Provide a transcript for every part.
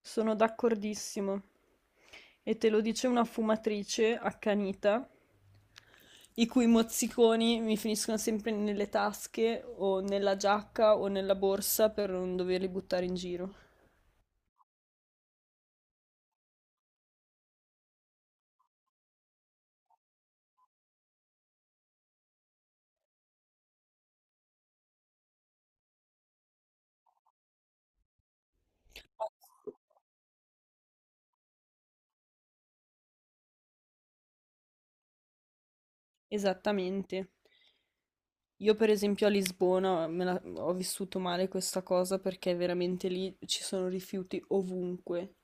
Sono d'accordissimo. E te lo dice una fumatrice accanita, i cui mozziconi mi finiscono sempre nelle tasche o nella giacca o nella borsa per non doverli buttare in giro. Esattamente. Io per esempio a Lisbona ho vissuto male questa cosa perché veramente lì ci sono rifiuti ovunque.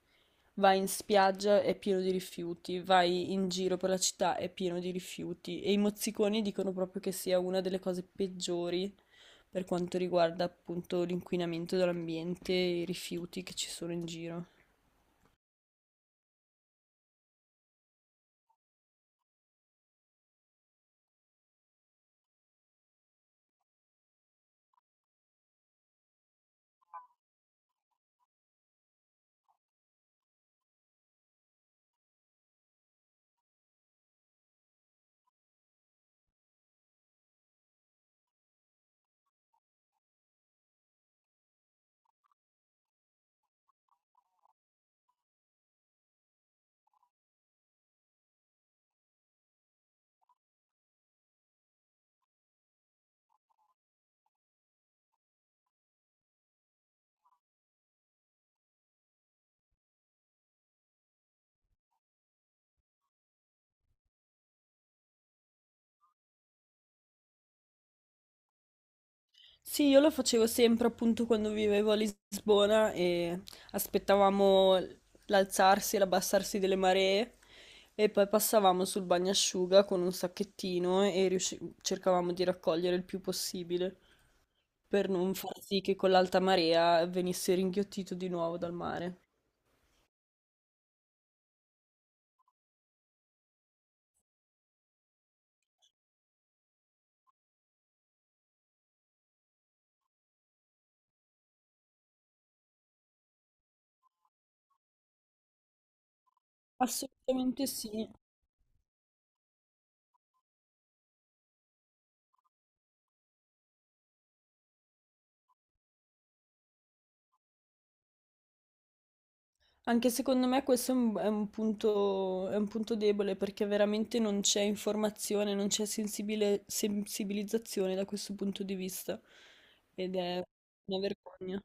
Vai in spiaggia è pieno di rifiuti, vai in giro per la città è pieno di rifiuti e i mozziconi dicono proprio che sia una delle cose peggiori per quanto riguarda appunto l'inquinamento dell'ambiente e i rifiuti che ci sono in giro. Sì, io lo facevo sempre appunto quando vivevo a Lisbona e aspettavamo l'alzarsi e l'abbassarsi delle maree e poi passavamo sul bagnasciuga con un sacchettino e cercavamo di raccogliere il più possibile per non far sì che con l'alta marea venisse ringhiottito di nuovo dal mare. Assolutamente sì. Anche secondo me questo è è un è un punto debole perché veramente non c'è informazione, non c'è sensibilizzazione da questo punto di vista ed è una vergogna.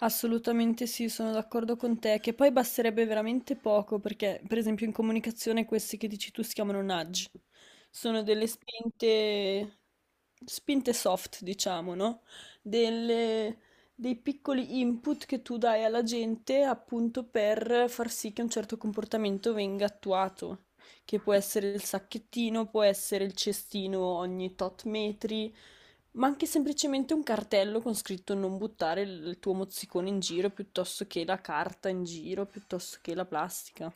Assolutamente sì, sono d'accordo con te, che poi basterebbe veramente poco, perché per esempio in comunicazione questi che dici tu si chiamano nudge, sono delle spinte, spinte soft, diciamo, no? Delle- dei piccoli input che tu dai alla gente appunto per far sì che un certo comportamento venga attuato, che può essere il sacchettino, può essere il cestino ogni tot metri. Ma anche semplicemente un cartello con scritto non buttare il tuo mozzicone in giro, piuttosto che la carta in giro, piuttosto che la plastica.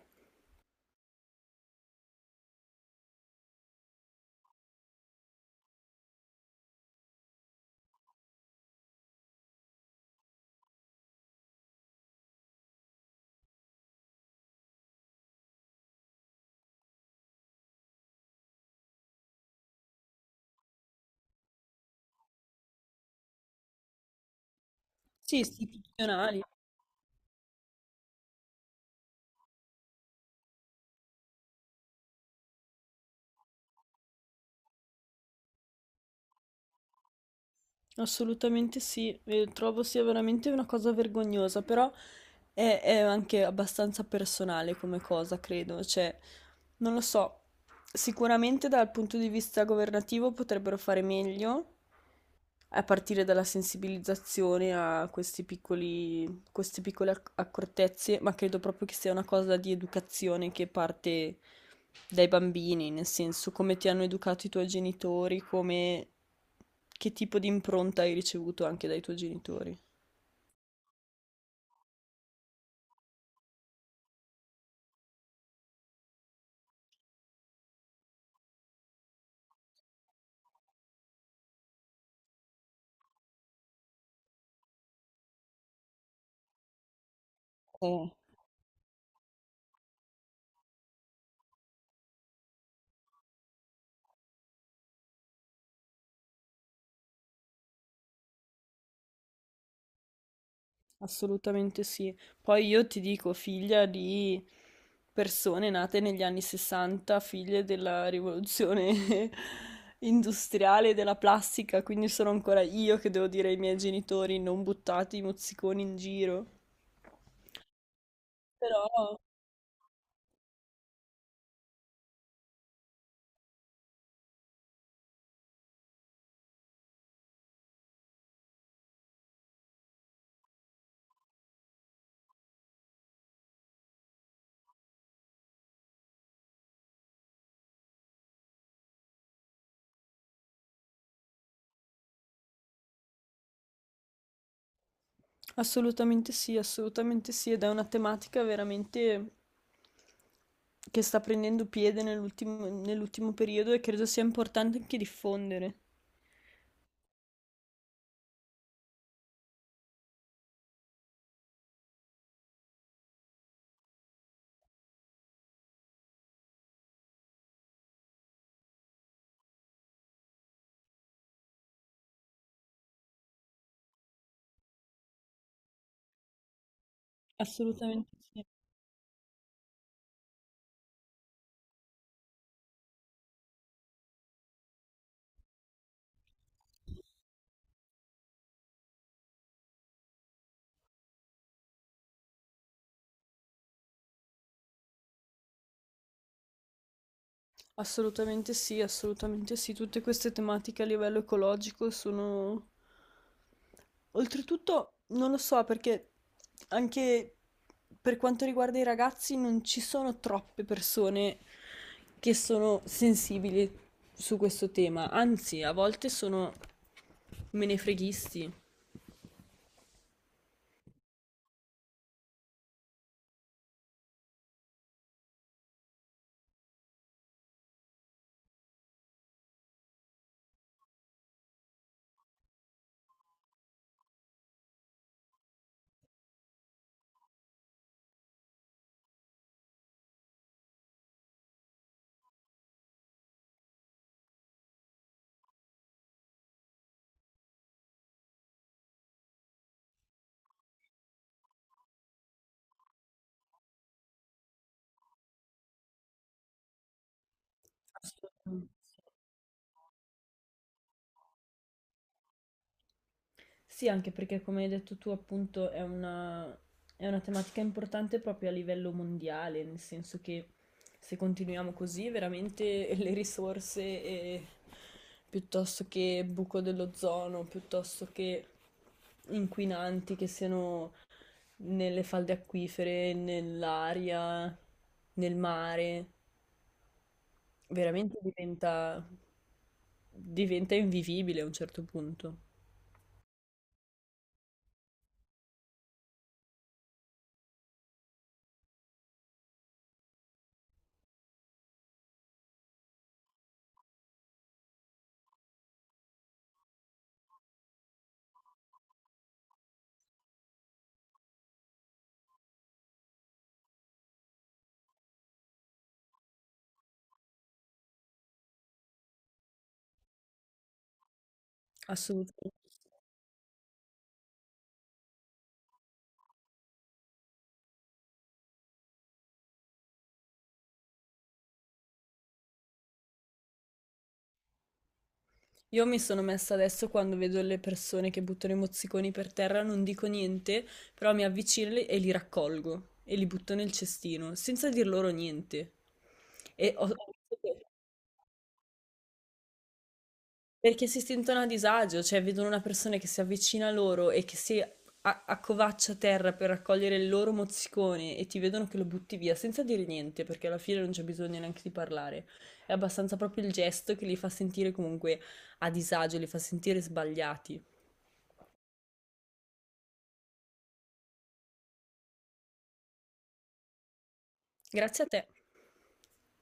Sì, istituzionali, assolutamente sì. E trovo sia veramente una cosa vergognosa, però è anche abbastanza personale come cosa, credo. Cioè, non lo so, sicuramente dal punto di vista governativo potrebbero fare meglio, a partire dalla sensibilizzazione a questi piccoli, queste piccole accortezze, ma credo proprio che sia una cosa di educazione che parte dai bambini, nel senso come ti hanno educato i tuoi genitori, come che tipo di impronta hai ricevuto anche dai tuoi genitori. Eh. Assolutamente sì. Poi io ti dico, figlia di persone nate negli anni 60, figlie della rivoluzione industriale e della plastica, quindi sono ancora io che devo dire ai miei genitori non buttate i mozziconi in giro. Però assolutamente sì, ed è una tematica veramente che sta prendendo piede nell'ultimo periodo e credo sia importante anche diffondere. Assolutamente sì. Assolutamente sì, assolutamente sì. Tutte queste tematiche a livello ecologico sono... Oltretutto, non lo so, perché anche per quanto riguarda i ragazzi non ci sono troppe persone che sono sensibili su questo tema, anzi, a volte sono menefreghisti. Assolutamente. Sì, anche perché come hai detto tu, appunto, è è una tematica importante proprio a livello mondiale, nel senso che se continuiamo così, veramente le risorse, piuttosto che buco dell'ozono, piuttosto che inquinanti che siano nelle falde acquifere, nell'aria, nel mare, veramente diventa invivibile a un certo punto. Assolutamente. Sì. Io mi sono messa adesso quando vedo le persone che buttano i mozziconi per terra, non dico niente, però mi avvicino e li raccolgo e li butto nel cestino, senza dir loro niente. E perché si sentono a disagio, cioè vedono una persona che si avvicina a loro e che si accovaccia a terra per raccogliere il loro mozzicone e ti vedono che lo butti via senza dire niente, perché alla fine non c'è bisogno neanche di parlare. È abbastanza proprio il gesto che li fa sentire comunque a disagio, li fa sentire sbagliati. Grazie a te.